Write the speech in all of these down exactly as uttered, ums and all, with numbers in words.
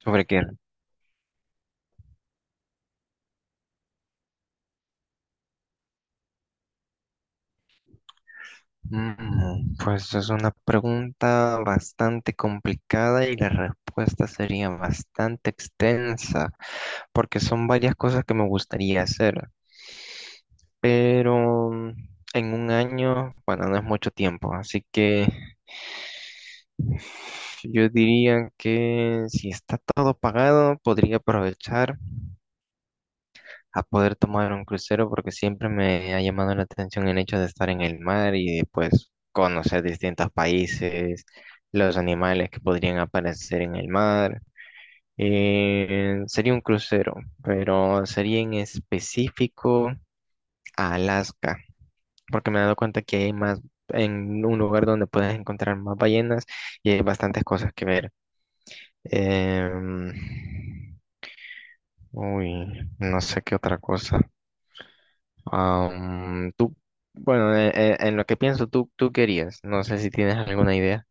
¿Sobre qué? Mm, pues es una pregunta bastante complicada y la respuesta sería bastante extensa, porque son varias cosas que me gustaría hacer, pero mm, en un año, bueno, no es mucho tiempo, así que yo diría que si está todo pagado, podría aprovechar a poder tomar un crucero porque siempre me ha llamado la atención el hecho de estar en el mar y de, pues conocer distintos países, los animales que podrían aparecer en el mar. Eh, sería un crucero, pero sería en específico a Alaska, porque me he dado cuenta que hay más en un lugar donde puedes encontrar más ballenas y hay bastantes cosas que ver. Em, Uy, no sé qué otra cosa. Am, tú, bueno, e- e- en, lo que pienso, tú, tú querías. No sé si tienes alguna idea.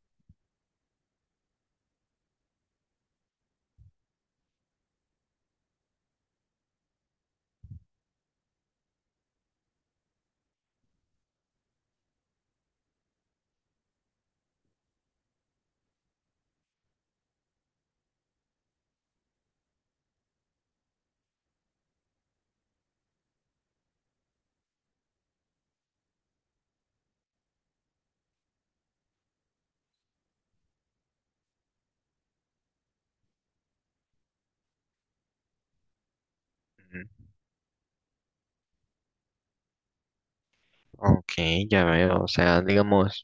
Ujú. Ok, ya veo. O sea, digamos,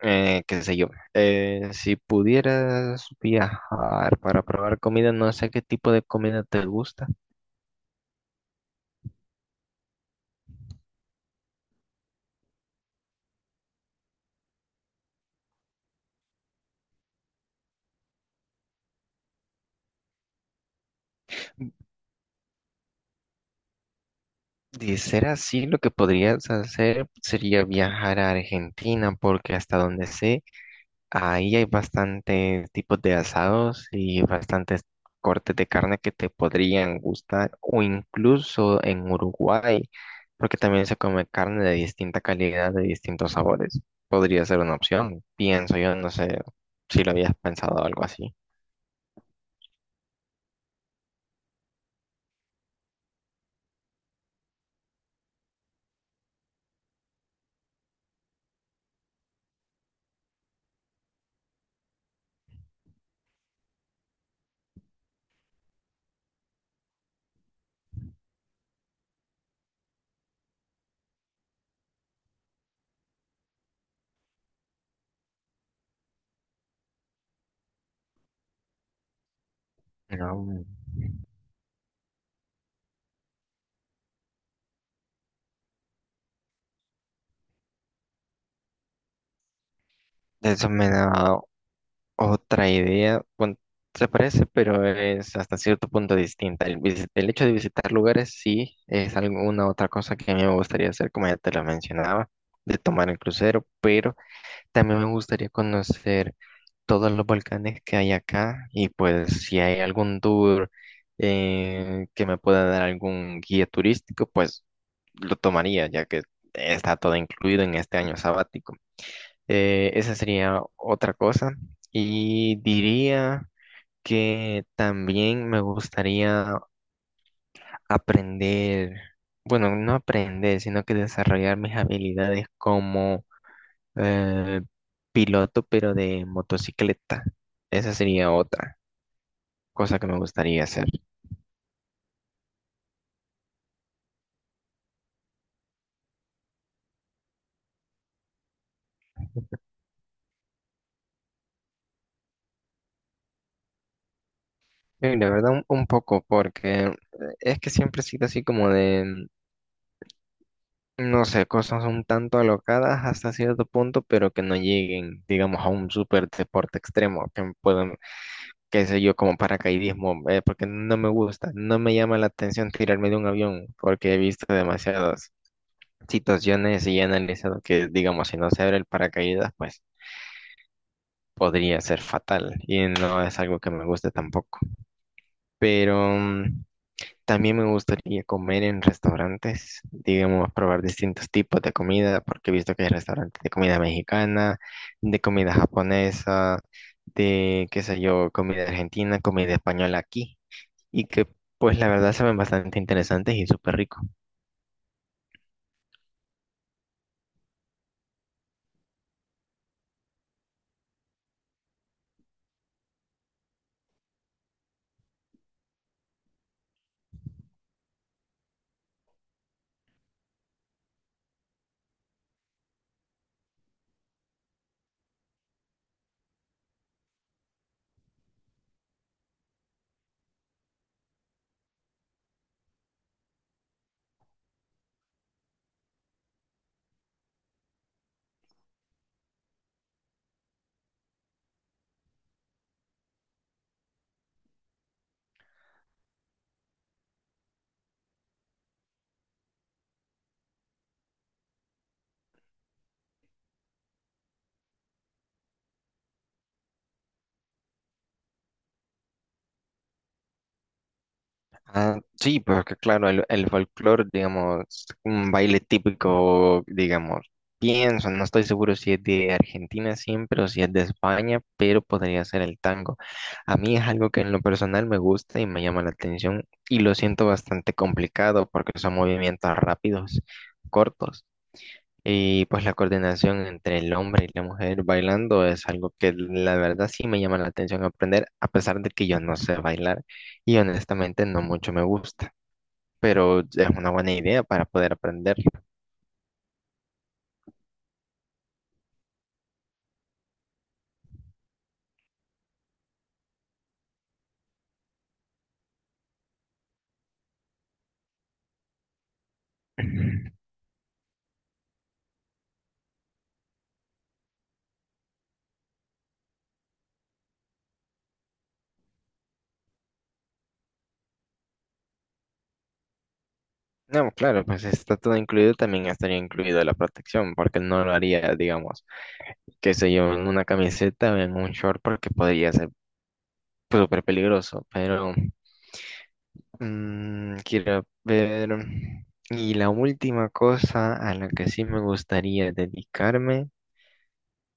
eh, qué sé yo, eh, si pudieras viajar para probar comida, no sé qué tipo de comida te gusta. De ser así, lo que podrías hacer sería viajar a Argentina, porque hasta donde sé, ahí hay bastantes tipos de asados y bastantes cortes de carne que te podrían gustar, o incluso en Uruguay, porque también se come carne de distinta calidad, de distintos sabores. Podría ser una opción, pienso yo, no sé si lo habías pensado algo así. No, eso me da otra idea, bueno, se parece, pero es hasta cierto punto distinta. El, visi- el hecho de visitar lugares sí es alguna otra cosa que a mí me gustaría hacer, como ya te lo mencionaba, de tomar el crucero, pero también me gustaría conocer todos los volcanes que hay acá y pues si hay algún tour eh, que me pueda dar algún guía turístico, pues lo tomaría, ya que está todo incluido en este año sabático. Eh, esa sería otra cosa. Y diría que también me gustaría aprender, bueno, no aprender, sino que desarrollar mis habilidades como eh, piloto, pero de motocicleta. Esa sería otra cosa que me gustaría hacer. Y la verdad, un, un poco, porque eh, es que siempre he sido así como de no sé, cosas un tanto alocadas hasta cierto punto, pero que no lleguen, digamos, a un super deporte extremo, que puedan, qué sé yo, como paracaidismo, eh, porque no me gusta, no me llama la atención tirarme de un avión, porque he visto demasiadas situaciones y he analizado que, digamos, si no se abre el paracaídas, pues podría ser fatal y no es algo que me guste tampoco. Pero mm, también me gustaría comer en restaurantes, digamos, probar distintos tipos de comida, porque he visto que hay restaurantes de comida mexicana, de comida japonesa, de, qué sé yo, comida argentina, comida española aquí, y que pues la verdad saben bastante interesantes y súper ricos. Ah, sí, porque claro, el, el folclore, digamos, un baile típico, digamos, pienso, no estoy seguro si es de Argentina siempre o si es de España, pero podría ser el tango. A mí es algo que en lo personal me gusta y me llama la atención y lo siento bastante complicado porque son movimientos rápidos, cortos. Y pues la coordinación entre el hombre y la mujer bailando es algo que la verdad sí me llama la atención aprender, a pesar de que yo no sé bailar y honestamente no mucho me gusta, pero es una buena idea para poder aprenderlo. No, claro, pues está todo incluido, también estaría incluido la protección, porque no lo haría, digamos, qué sé yo, en una camiseta o en un short, porque podría ser súper peligroso, pero... Mm, quiero ver. mm, Y la última cosa a la que sí me gustaría dedicarme,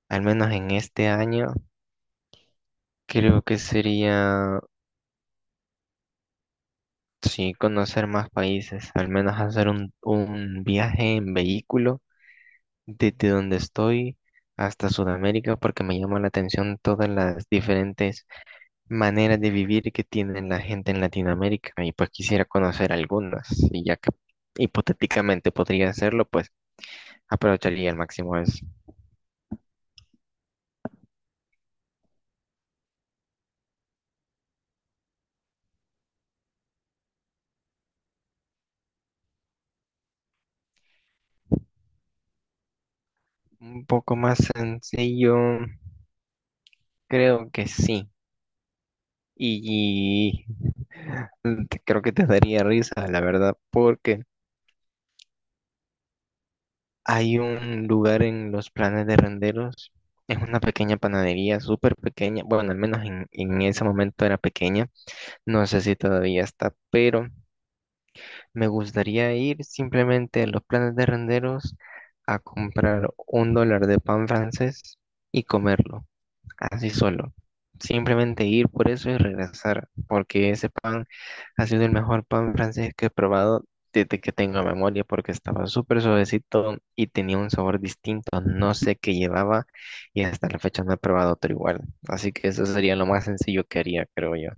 al menos en este año, creo que sería, sí, conocer más países, al menos hacer un, un viaje en vehículo desde donde estoy hasta Sudamérica, porque me llama la atención todas las diferentes maneras de vivir que tienen la gente en Latinoamérica y pues quisiera conocer algunas, y ya que hipotéticamente podría hacerlo, pues aprovecharía al máximo eso. Un poco más sencillo, creo que sí. Y, te- creo que te daría risa, la verdad, porque hay un lugar en los planes de Renderos. Es una pequeña panadería, súper pequeña. Bueno, al menos en, en ese momento era pequeña. No sé si todavía está, pero me gustaría ir simplemente a los planes de Renderos a comprar un dólar de pan francés y comerlo, así solo. Simplemente ir por eso y regresar, porque ese pan ha sido el mejor pan francés que he probado desde que tengo memoria, porque estaba súper suavecito y tenía un sabor distinto, no sé qué llevaba y hasta la fecha no he probado otro igual. Así que eso sería lo más sencillo que haría, creo yo.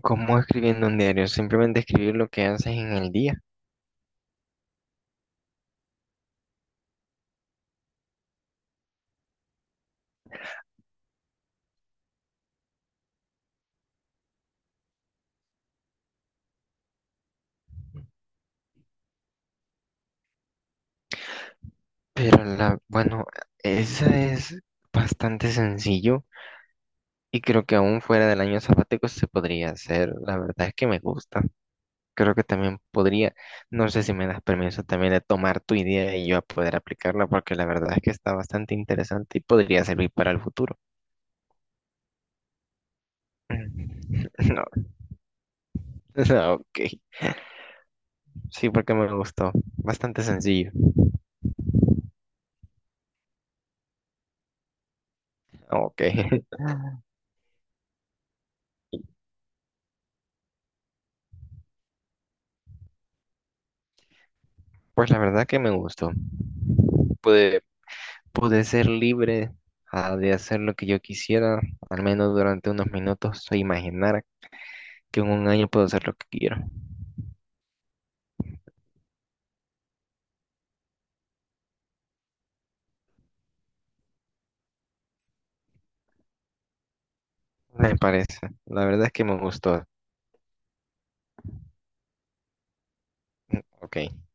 ¿Cómo escribiendo un diario? Simplemente escribir lo que haces en el día. Pero la, bueno, esa es bastante sencillo. Y creo que aún fuera del año sabático se podría hacer. La verdad es que me gusta. Creo que también podría. No sé si me das permiso también de tomar tu idea y yo a poder aplicarla, porque la verdad es que está bastante interesante y podría servir para el futuro. No, no, ok. Sí, porque me gustó. Bastante sencillo. Ok. Pues la verdad que me gustó. Pude ser libre, ah, de hacer lo que yo quisiera, al menos durante unos minutos, o imaginar que en un año puedo hacer lo que quiero. Me parece. La verdad es que me gustó. Ok.